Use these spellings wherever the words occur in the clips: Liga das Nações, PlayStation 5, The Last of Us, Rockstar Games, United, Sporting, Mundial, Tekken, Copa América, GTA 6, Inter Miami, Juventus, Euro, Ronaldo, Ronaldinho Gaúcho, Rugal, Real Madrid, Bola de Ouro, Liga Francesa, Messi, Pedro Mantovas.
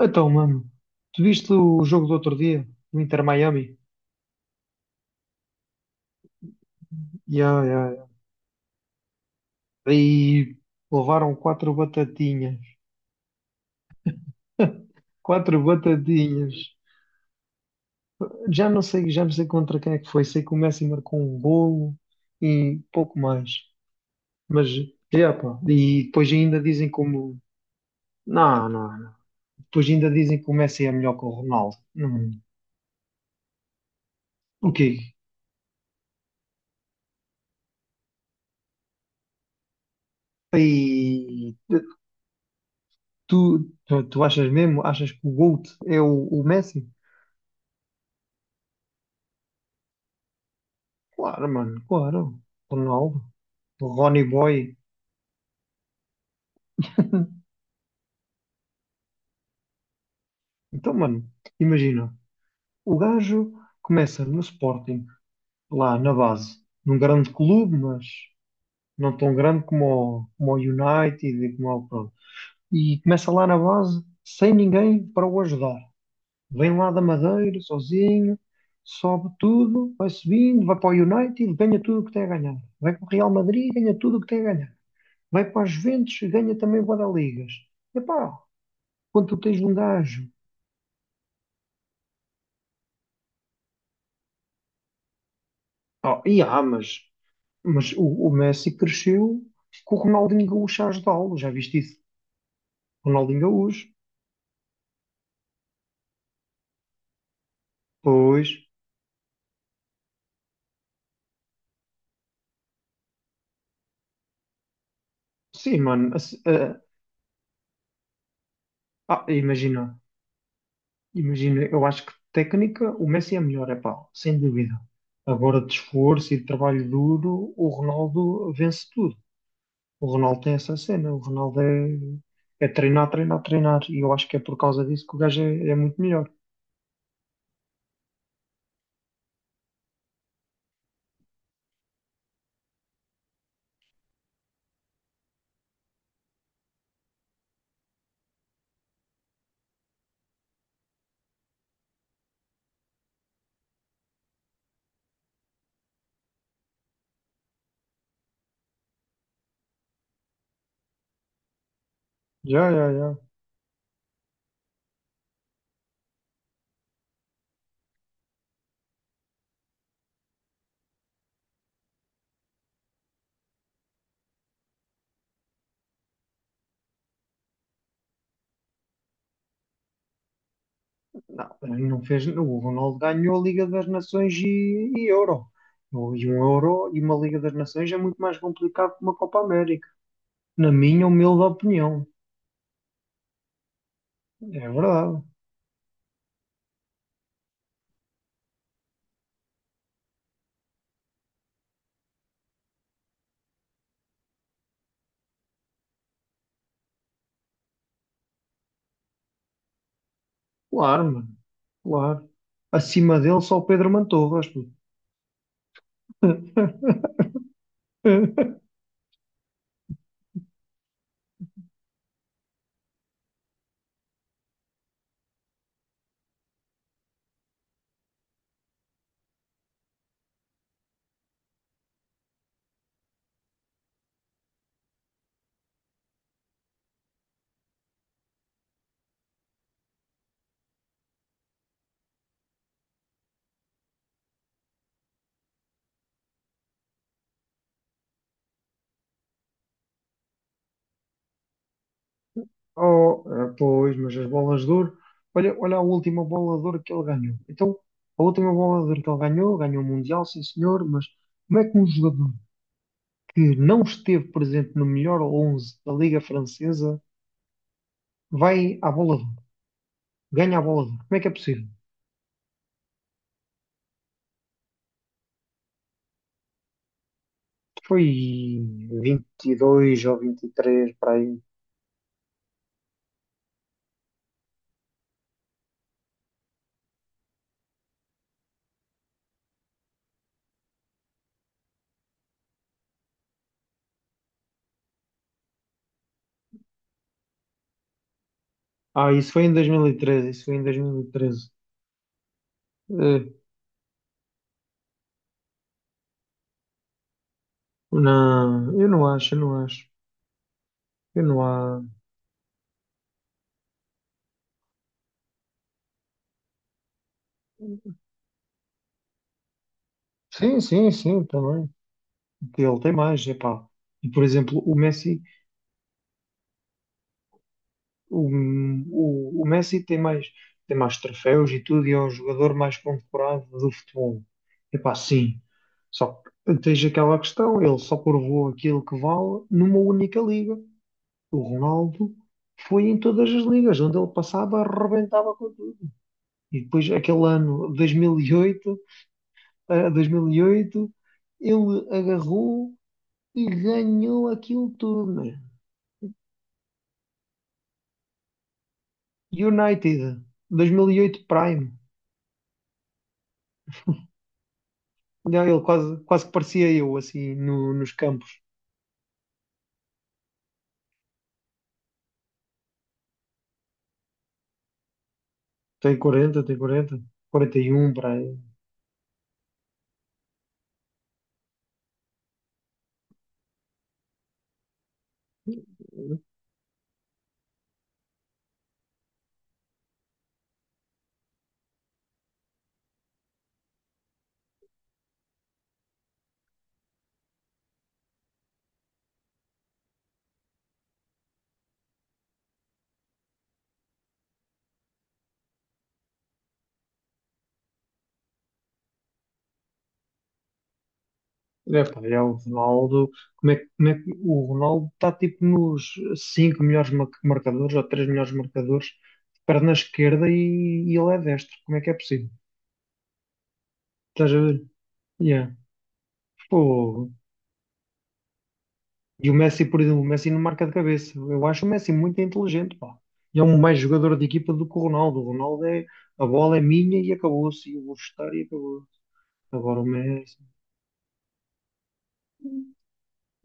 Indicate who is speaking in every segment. Speaker 1: Então, mano, tu viste o jogo do outro dia, no Inter Miami? Ya, ya, ya. Aí levaram quatro batatinhas. Quatro batatinhas. Já não sei contra quem é que foi. Sei que o Messi marcou um golo e pouco mais. Mas, é, pá. E depois ainda dizem como. Não, não, não. Depois ainda dizem que o Messi é melhor que o Ronaldo. Não. O quê? Aí, tu achas mesmo? Achas que o GOAT é o Messi? Claro, mano, claro. Ronaldo, Ronnie Boy. Então, mano, imagina, o gajo começa no Sporting, lá na base, num grande clube, mas não tão grande como o United e como o pronto. E começa lá na base, sem ninguém para o ajudar. Vem lá da Madeira, sozinho, sobe tudo, vai subindo, vai para o United, ganha tudo o que tem a ganhar. Vai para o Real Madrid, ganha tudo o que tem a ganhar. Vai para a Juventus e ganha também bué da ligas. Epá, quando tu tens um gajo. Oh, e há, mas, mas o Messi cresceu com o Ronaldinho Gaúcho a ajudá-lo, já viste isso? Ronaldinho Gaúcho, pois, sim, mano, assim, imagina, eu acho que técnica o Messi é melhor, é pá, sem dúvida. Agora de esforço e de trabalho duro, o Ronaldo vence tudo. O Ronaldo tem essa cena, o Ronaldo é treinar, treinar, treinar, e eu acho que é por causa disso que o gajo é muito melhor. Já, já, já. Não, não fez. O Ronaldo ganhou a Liga das Nações e Euro. E um Euro e uma Liga das Nações é muito mais complicado que uma Copa América. Na minha humilde opinião. É verdade. Claro, mano. Claro. Acima dele só o Pedro Mantovas. Pô. Oh, pois, mas as bolas de ouro. Olha, olha a última bola de ouro que ele ganhou. Então, a última bola de ouro que ele ganhou, ganhou o Mundial, sim senhor, mas como é que um jogador que não esteve presente no melhor 11 da Liga Francesa vai à bola de ouro, ganha a bola de ouro. Como é que é possível? Foi 22 ou 23 para aí. Ah, isso foi em 2013, isso foi em 2013. Eh, não, eu não acho, eu não acho. Eu não há. Sim, sim, sim, também. Ele tem mais, epá. E, por exemplo, O, o Messi tem mais troféus e tudo, e é o jogador mais condecorado do futebol. Epá, sim. Só que tens aquela questão, ele só provou aquilo que vale numa única liga. O Ronaldo foi em todas as ligas, onde ele passava, arrebentava com tudo. E depois, aquele ano 2008, 2008, ele agarrou e ganhou aquilo tudo. Né? United, 2008 Prime. Não, ele quase, quase que parecia eu, assim, nos campos. Tem 41 para aí. É, pá, é o Ronaldo. Como é, como é que o Ronaldo está tipo nos 5 melhores marcadores ou 3 melhores marcadores, perna esquerda e ele é destro. Como é que é possível? Estás a ver? Yeah. Pô. E o, Messi, por exemplo, o Messi não marca de cabeça. Eu acho o Messi muito inteligente, pá. E é um mais jogador de equipa do que o Ronaldo. O Ronaldo é a bola é minha e acabou-se. E eu vou chutar e acabou. Agora o Messi.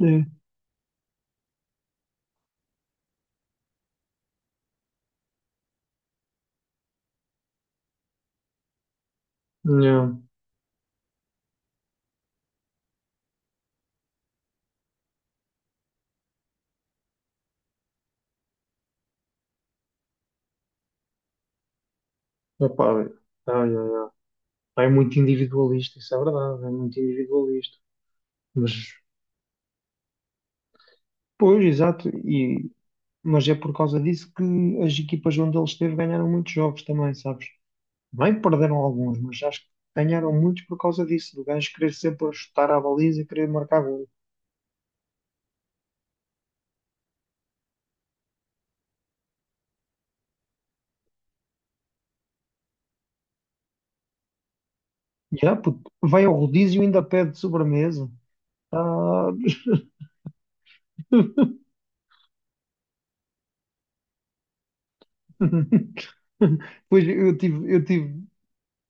Speaker 1: É. Não. Epá, é, ai, ai, ai. É muito individualista, isso é verdade, é muito individualista. Mas, pois, exato, e, mas é por causa disso que as equipas onde ele esteve ganharam muitos jogos também, sabes? Bem, perderam alguns, mas acho que ganharam muitos por causa disso, do gajo querer sempre chutar à baliza e querer marcar gol. Já, puto, vai ao rodízio e ainda pede sobremesa. Ah. Pois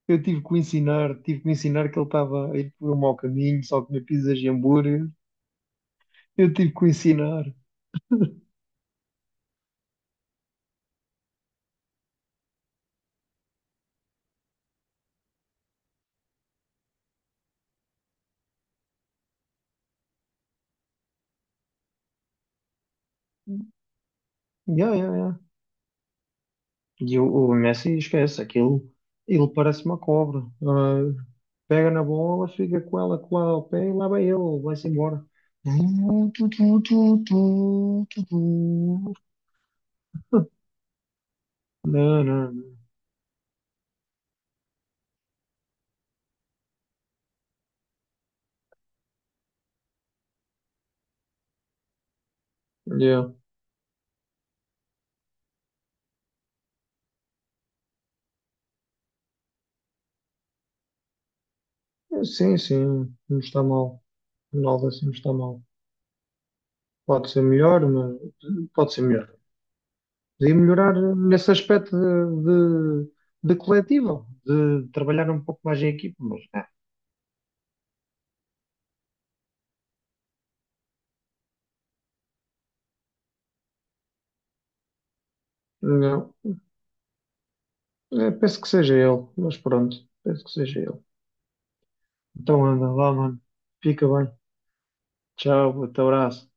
Speaker 1: eu tive que o ensinar, tive que o ensinar que ele estava a ir por um mau caminho, só comia pizzas e hambúrguer. Eu tive que o ensinar. Yeah, yeah, yeah. E o Messi esquece aquilo. Ele parece uma cobra. Ah, pega na bola, fica com ela com lá ao pé e lá vai ele, vai-se embora. Tu, tu, tu, tu, tu, tu, tu. Não, não. Yeah. Sim, sim, não está mal. Ronaldo assim não está mal. Pode ser melhor, mas pode ser melhor. Podia melhorar nesse aspecto de, de coletivo, de trabalhar um pouco mais em equipa, mas é, não. É, penso que seja ele, mas pronto, penso que seja ele. Então anda, vá, mano. Fica bem. Tchau, até abraço.